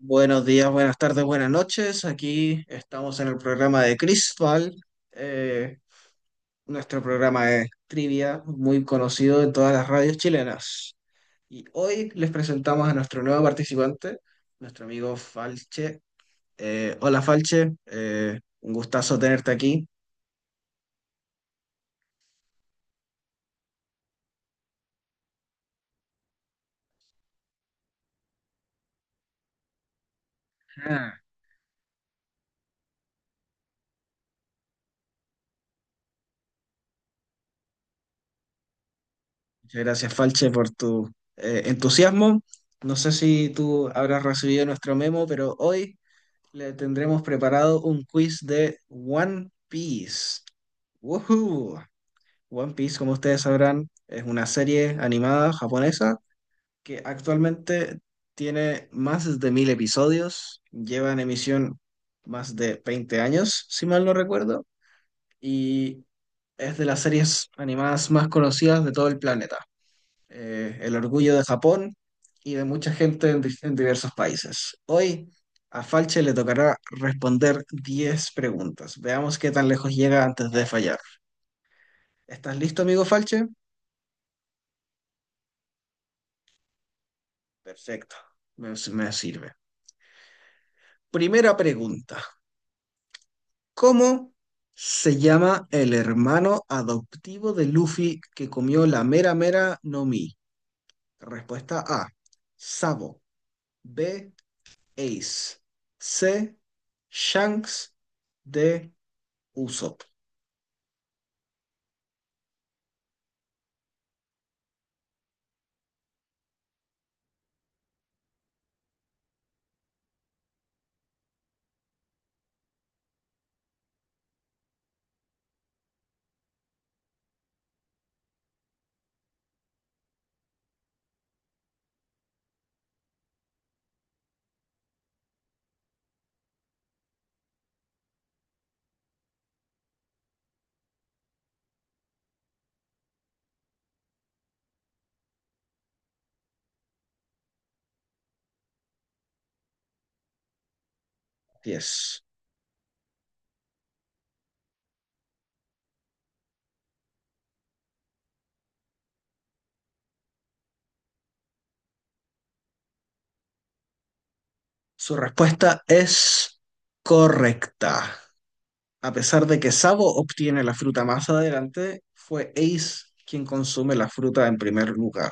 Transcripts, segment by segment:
Buenos días, buenas tardes, buenas noches. Aquí estamos en el programa de Crisval. Eh, Nuestro programa es trivia, muy conocido en todas las radios chilenas. Y hoy les presentamos a nuestro nuevo participante, nuestro amigo Falche. Hola Falche, un gustazo tenerte aquí. Ah. Muchas gracias Falche por tu entusiasmo. No sé si tú habrás recibido nuestro memo, pero hoy le tendremos preparado un quiz de One Piece. ¡Woohoo! One Piece, como ustedes sabrán, es una serie animada japonesa que actualmente tiene más de 1.000 episodios, lleva en emisión más de 20 años, si mal no recuerdo, y es de las series animadas más conocidas de todo el planeta, el orgullo de Japón y de mucha gente en, en diversos países. Hoy a Falche le tocará responder 10 preguntas. Veamos qué tan lejos llega antes de fallar. ¿Estás listo, amigo Falche? Perfecto, me sirve. Primera pregunta. ¿Cómo se llama el hermano adoptivo de Luffy que comió la mera mera no Mi? Respuesta A, Sabo. B, Ace. C, Shanks. D, Usopp. 10. Su respuesta es correcta. A pesar de que Sabo obtiene la fruta más adelante, fue Ace quien consume la fruta en primer lugar.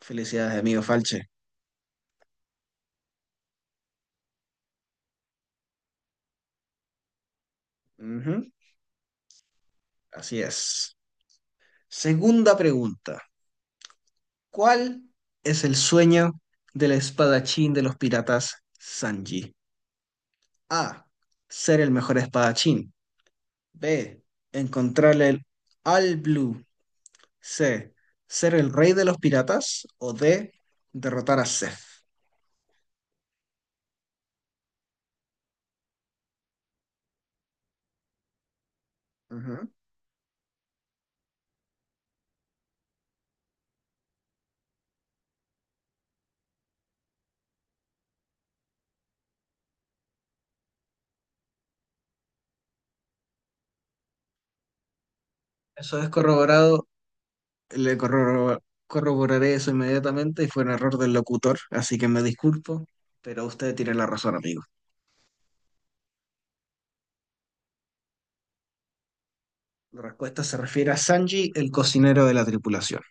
Felicidades, amigo Falche. Ujú. Así es. Segunda pregunta. ¿Cuál es el sueño del espadachín de los piratas Sanji? A, ser el mejor espadachín. B, encontrarle el All Blue. C, ser el rey de los piratas. O D, derrotar a Seth. Ujú. Eso es corroborado. Le corroboraré eso inmediatamente y fue un error del locutor, así que me disculpo, pero usted tiene la razón, amigo. La respuesta se refiere a Sanji, el cocinero de la tripulación.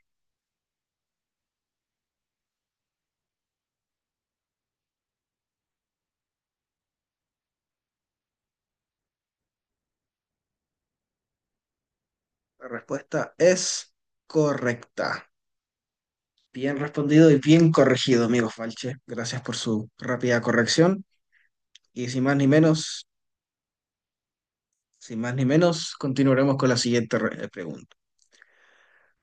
La respuesta es correcta. Bien respondido y bien corregido, amigo Falche. Gracias por su rápida corrección. Y sin más ni menos, continuaremos con la siguiente pregunta.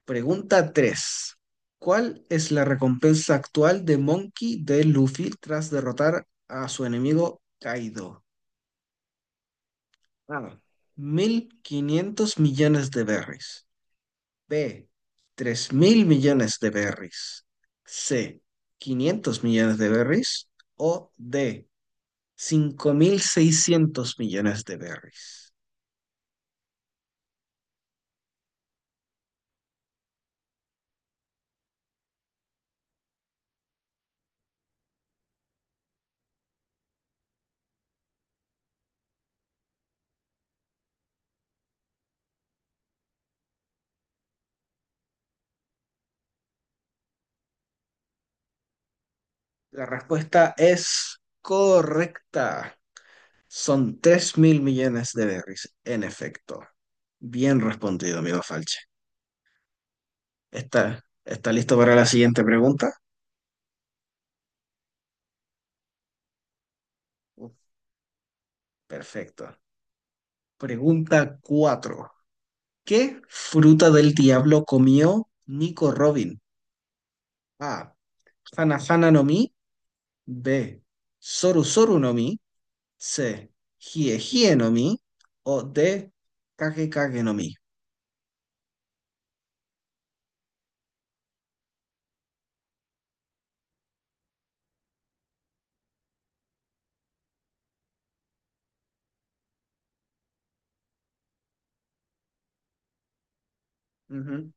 Pregunta 3. ¿Cuál es la recompensa actual de Monkey de Luffy tras derrotar a su enemigo Kaido? A, 1.500 millones de berries. B, 3.000 millones de berries. C, 500 millones de berries. O D, 5.600 millones de berries. La respuesta es correcta. Son 3.000 millones de berries, en efecto. Bien respondido, amigo Falche. ¿Está listo para la siguiente pregunta? Uh, Perfecto. Pregunta 4. ¿Qué fruta del diablo comió Nico Robin? A, Hana Hana no Mi. B, Soru Soru no Mi. C, Hie Hie no Mi. O D, Kage Kage no Mi. Ujú,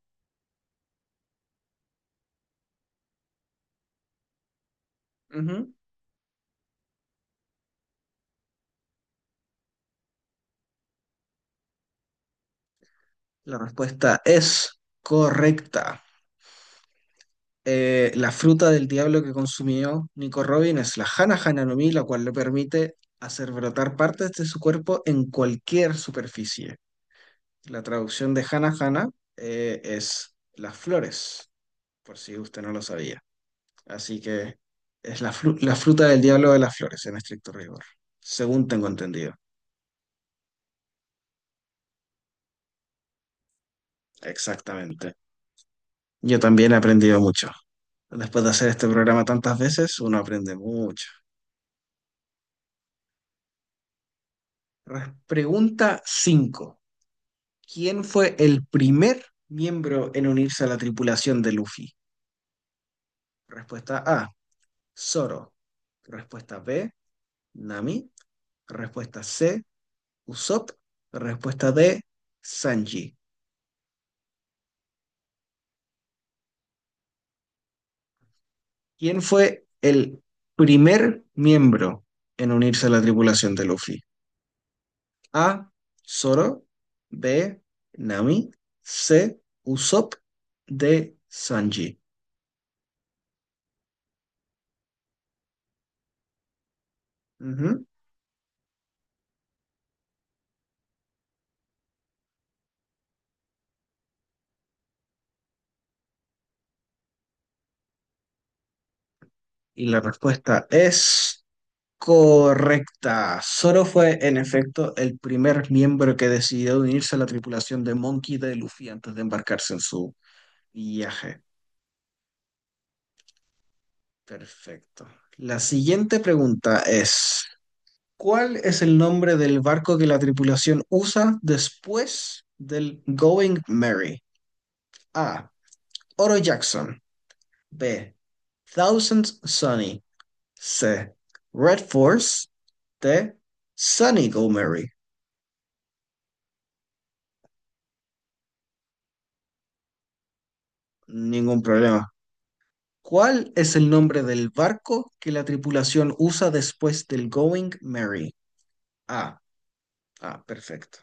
ujú. La respuesta es correcta. La fruta del diablo que consumió Nico Robin es la Hana Hana no mi, la cual le permite hacer brotar partes de su cuerpo en cualquier superficie. La traducción de Hana Hana es las flores, por si usted no lo sabía. Así que es la fruta del diablo de las flores, en estricto rigor, según tengo entendido. Exactamente. Yo también he aprendido mucho. Después de hacer este programa tantas veces, uno aprende mucho. Pregunta cinco. ¿Quién fue el primer miembro en unirse a la tripulación de Luffy? Respuesta A, Zoro. Respuesta B, Nami. Respuesta C, Usopp. Respuesta D, Sanji. ¿Quién fue el primer miembro en unirse a la tripulación de Luffy? A, Zoro. B, Nami. C, Usopp. D, Sanji. Ujú. Y la respuesta es... correcta. Zoro fue, en efecto, el primer miembro que decidió unirse a la tripulación de Monkey D. Luffy antes de embarcarse en su viaje. Perfecto. La siguiente pregunta es, ¿cuál es el nombre del barco que la tripulación usa después del Going Merry? A, Oro Jackson. B, Thousand Sunny. C, Red Force. D, Sunny Go Merry. Ningún problema. ¿Cuál es el nombre del barco que la tripulación usa después del Going Mary? Ah, ah, perfecto.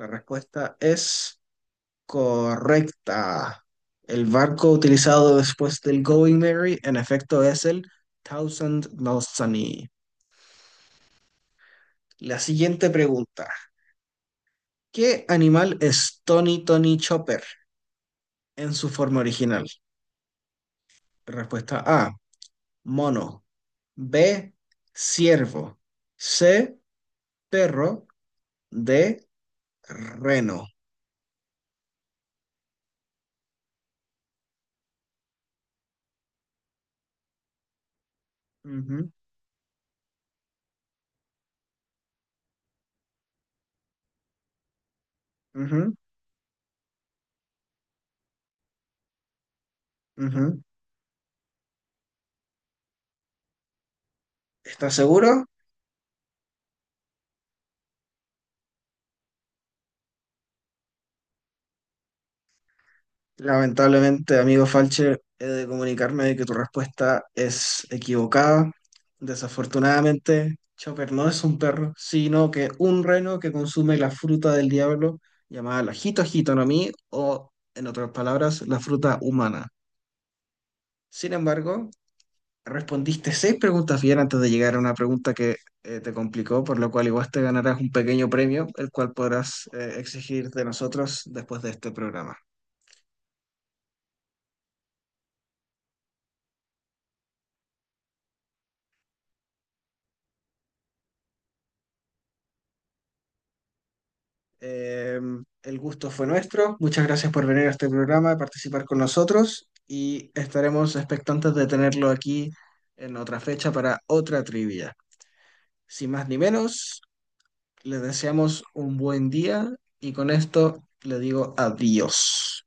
La respuesta es correcta. El barco utilizado después del Going Mary, en efecto, es el Thousand Sunny. La siguiente pregunta. ¿Qué animal es Tony Tony Chopper en su forma original? Respuesta A, mono. B, ciervo. C, perro. D, reno. Ujú, ujú, ujú. ¿Estás seguro? Lamentablemente, amigo Falche, he de comunicarme de que tu respuesta es equivocada. Desafortunadamente, Chopper no es un perro, sino que un reno que consume la fruta del diablo, llamada la jito jito no mi, o en otras palabras, la fruta humana. Sin embargo, respondiste seis preguntas bien antes de llegar a una pregunta que te complicó, por lo cual igual te ganarás un pequeño premio, el cual podrás exigir de nosotros después de este programa. Eh, el gusto fue nuestro. Muchas gracias por venir a este programa, a participar con nosotros y estaremos expectantes de tenerlo aquí en otra fecha para otra trivia. Sin más ni menos, les deseamos un buen día y con esto le digo adiós.